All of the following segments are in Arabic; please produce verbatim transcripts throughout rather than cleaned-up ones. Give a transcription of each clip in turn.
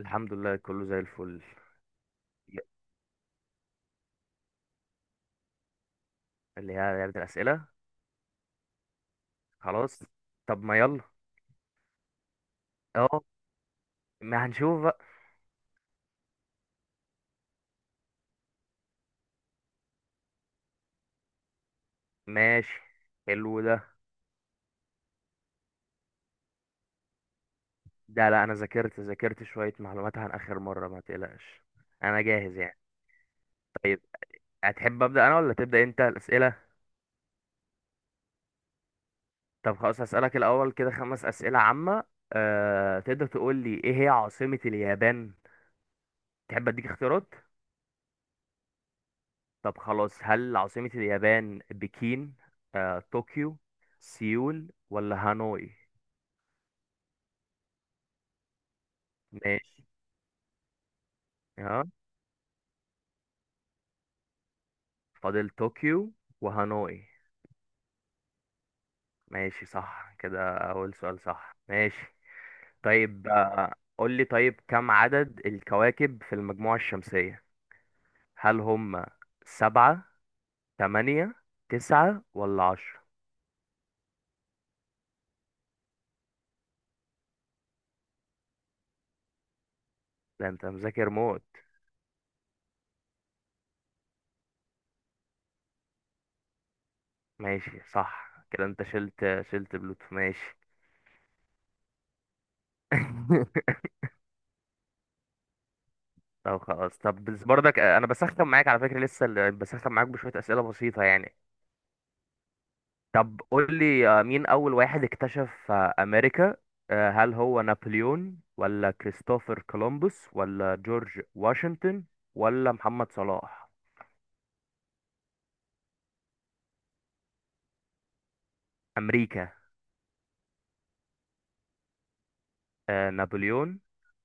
الحمد لله، كله زي الفل. اللي هي لعبة الأسئلة. خلاص. طب ما يلا. اهو. ما هنشوف بقى. ماشي. حلو ده. ده لا، أنا ذاكرت ذاكرت شوية معلومات عن آخر مرة، ما تقلقش. أنا جاهز يعني. طيب، هتحب أبدأ أنا ولا تبدأ أنت الأسئلة؟ طب خلاص، هسألك الأول كده خمس أسئلة عامة. أه تقدر تقول لي إيه هي عاصمة اليابان؟ تحب أديك اختيارات؟ طب خلاص، هل عاصمة اليابان بكين، أه طوكيو، سيول، ولا هانوي؟ ماشي. ها. فاضل طوكيو وهانوي. ماشي، صح كده، أول سؤال صح، ماشي. طيب، آه، قول لي، طيب كم عدد الكواكب في المجموعة الشمسية؟ هل هم سبعة، تمانية، تسعة، ولا عشرة؟ ده أنت مذاكر موت. ماشي، صح كده، أنت شلت شلت بلوتو، ماشي. طب خلاص، طب بس برضك، آه، أنا بسخن معاك على فكرة، لسه ال- بسخن معاك بشوية أسئلة بسيطة يعني. طب قول لي، آه، مين أول واحد اكتشف آه، أمريكا؟ آه، هل هو نابليون، ولا كريستوفر كولومبوس، ولا جورج واشنطن، ولا محمد صلاح؟ أمريكا. آه، نابليون،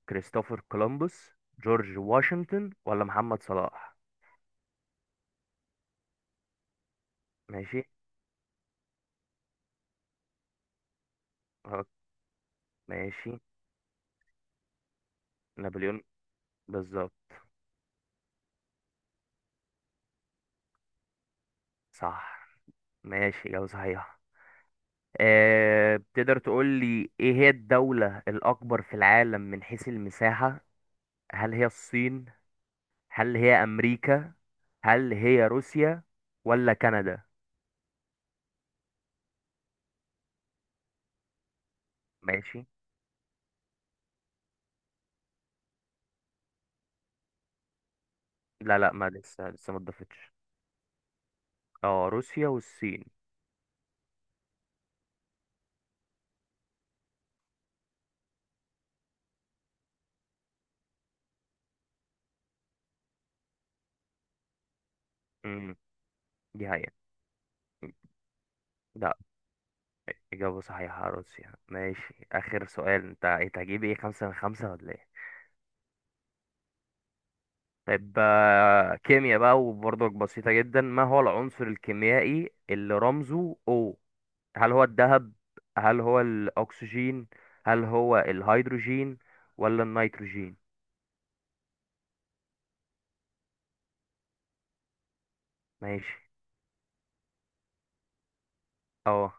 كريستوفر كولومبوس، جورج واشنطن، ولا محمد صلاح؟ ماشي. آه، ماشي. نابليون، بالظبط. صح، ماشي، إجابة صحيحة. أه تقدر تقول لي ايه هي الدولة الأكبر في العالم من حيث المساحة؟ هل هي الصين؟ هل هي امريكا؟ هل هي روسيا؟ ولا كندا؟ ماشي. لا لا، ما لسه لسه ما اتضافتش. اه، روسيا والصين. امم. دي هي. لا، اجابه صحيحه، روسيا، ماشي، اخر سؤال، انت إيه، انت هتجيب ايه، خمسة من خمسة ولا ايه؟ طيب، آه، كيمياء بقى، وبرضك بسيطة جدا، ما هو العنصر الكيميائي اللي رمزه O؟ هل هو الذهب؟ هل هو الأكسجين؟ هل هو الهيدروجين؟ ولا النيتروجين؟ ماشي. اه.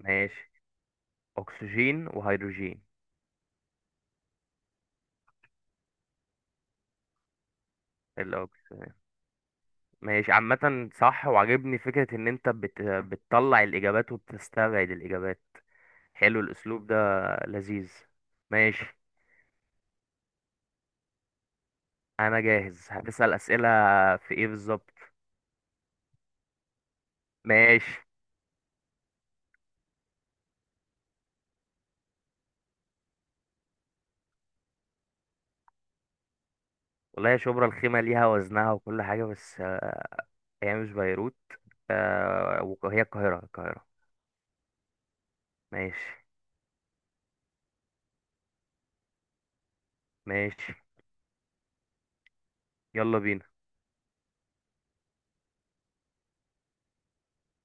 ماشي. اكسجين وهيدروجين. الاكسجين. ماشي، عامة صح، وعجبني فكرة ان انت بت... بتطلع الاجابات وبتستبعد الاجابات. حلو الاسلوب ده، لذيذ. ماشي. انا جاهز، هتسأل اسئلة في ايه بالظبط؟ ماشي. والله يا شبرا الخيمة ليها وزنها وكل حاجة، بس آه، هي مش بيروت، آه، وهي القاهرة، القاهرة. ماشي ماشي. يلا بينا.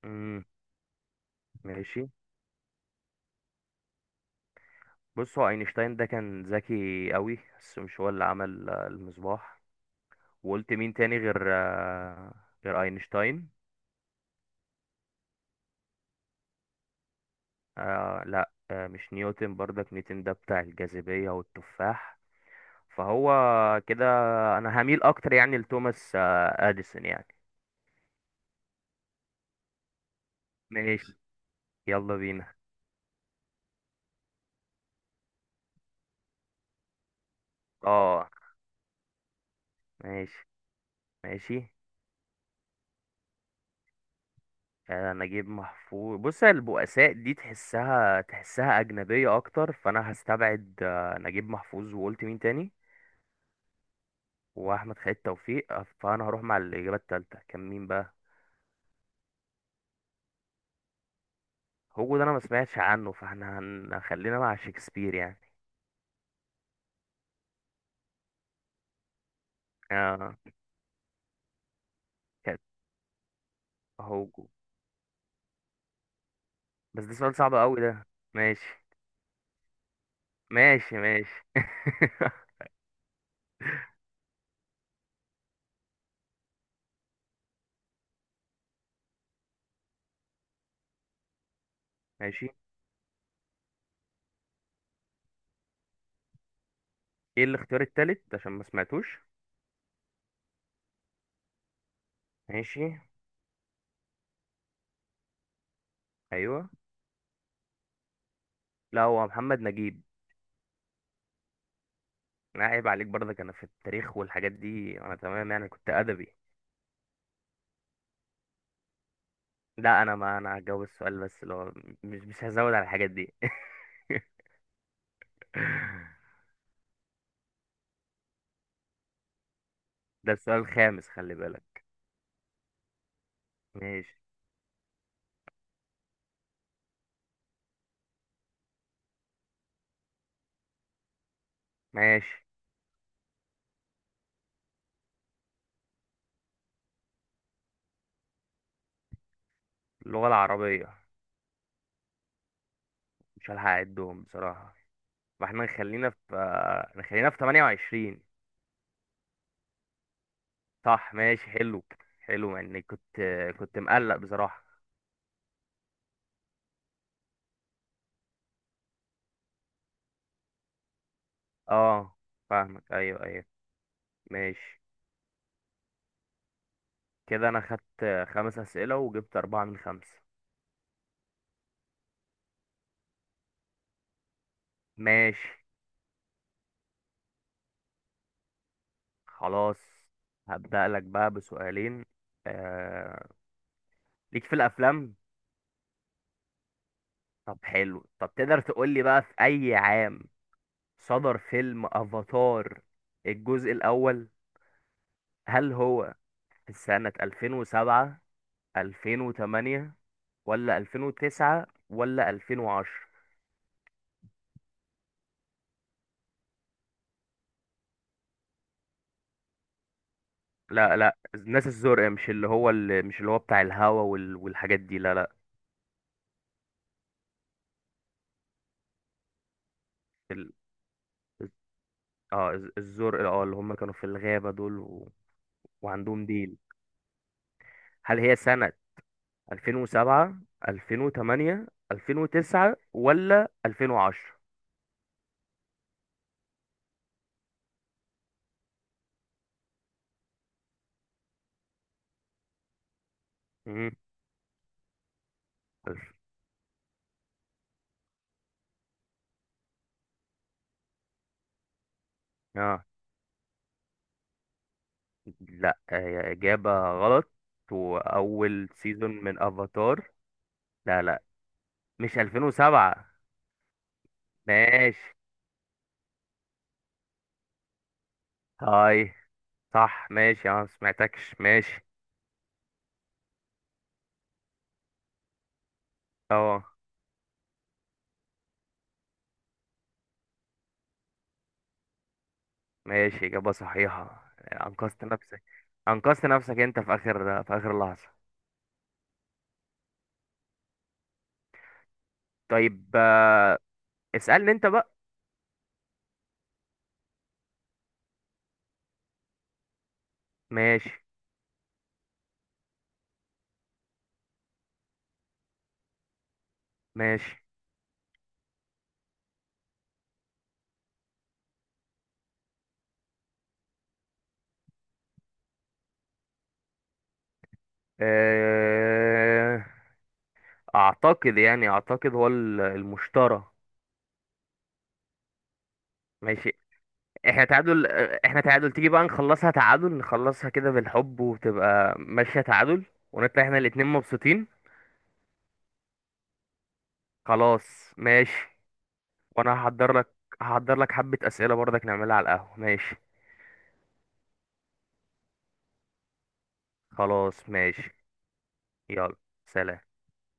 امم. ماشي. بص هو اينشتاين ده كان ذكي قوي، بس مش هو اللي عمل آه، المصباح. وقلت مين تاني غير آه، غير اينشتاين؟ آه لا، آه مش نيوتن برضك، نيوتن ده بتاع الجاذبية والتفاح. فهو كده. انا هميل اكتر يعني لتوماس آه اديسون يعني. ماشي. يلا بينا. اه. ماشي ماشي. آه، نجيب محفوظ، بص البؤساء دي تحسها تحسها أجنبية أكتر، فأنا هستبعد آه، نجيب محفوظ، وقلت مين تاني، وأحمد خالد توفيق، آه، فأنا هروح مع الإجابة التالتة، كان مين بقى؟ هوجو ده انا ما سمعتش عنه، فاحنا هن- خلينا مع شكسبير يعني. اه. كانت هوجو، بس ده سؤال صعب قوي ده. ماشي. ماشي ماشي. ماشي. ايه الاختيار التالت عشان ما سمعتوش؟ ماشي. ايوه. لا، هو محمد نجيب. لا عيب عليك برضك، انا في التاريخ والحاجات دي انا تمام يعني، كنت ادبي. لا، انا ما انا هجاوب السؤال، بس لو مش مش هزود على الحاجات دي. ده السؤال الخامس، خلي بالك. ماشي. ماشي. اللغة العربية، مش هلحق اعدهم بصراحة، فاحنا نخلينا في آه، نخلينا في ثمانية وعشرين. صح، ماشي، حلو. حلو يعني، كنت كنت مقلق بصراحة. اه، فاهمك، ايوه، ايوه. ماشي. كده انا خدت خمس اسئلة وجبت اربعة من خمسة. ماشي خلاص، هبدأ لك بقى بسؤالين. آه... ليك في الافلام. طب حلو، طب تقدر تقول لي بقى في اي عام صدر فيلم افاتار الجزء الاول؟ هل هو في سنة ألفين وسبعة، ألفين تمانية، ولا ألفين وتسعة، ولا ألفين وعشرة؟ لا لا، الناس الزرق مش اللي هو، اللي مش اللي هو بتاع الهوا وال... والحاجات دي، لا لا. ال... اه، الز- الزرق، اه اللي هم كانوا في الغابة دول و... وعندهم ديل. هل هي سنة ألفين وسبعة، ألفين وثمانية، ألفين وتسعة، ولا ألفين وعشرة؟ امم. اه لا، هي إجابة غلط، وأول سيزون من أفاتار. لا لا، مش ألفين سبعة. ماشي. هاي، صح ماشي، اه سمعتكش، ماشي. اه. ماشي، إجابة صحيحة، أنقذت نفسك. أنقذت نفسك أنت في آخر في آخر لحظة. طيب، آه، اسألني أنت بقى. ماشي ماشي. آه، أعتقد يعني أعتقد هو ال- المشترى. ماشي، احنا تعادل آه، احنا تعادل، تيجي بقى نخلصها تعادل، نخلصها كده بالحب، وتبقى ماشية تعادل، ونطلع احنا الاتنين مبسوطين. خلاص ماشي. وانا هحضر لك هحضر لك حبة اسئلة برضك نعملها على القهوة، ماشي. خلاص ماشي. يلا. سلام.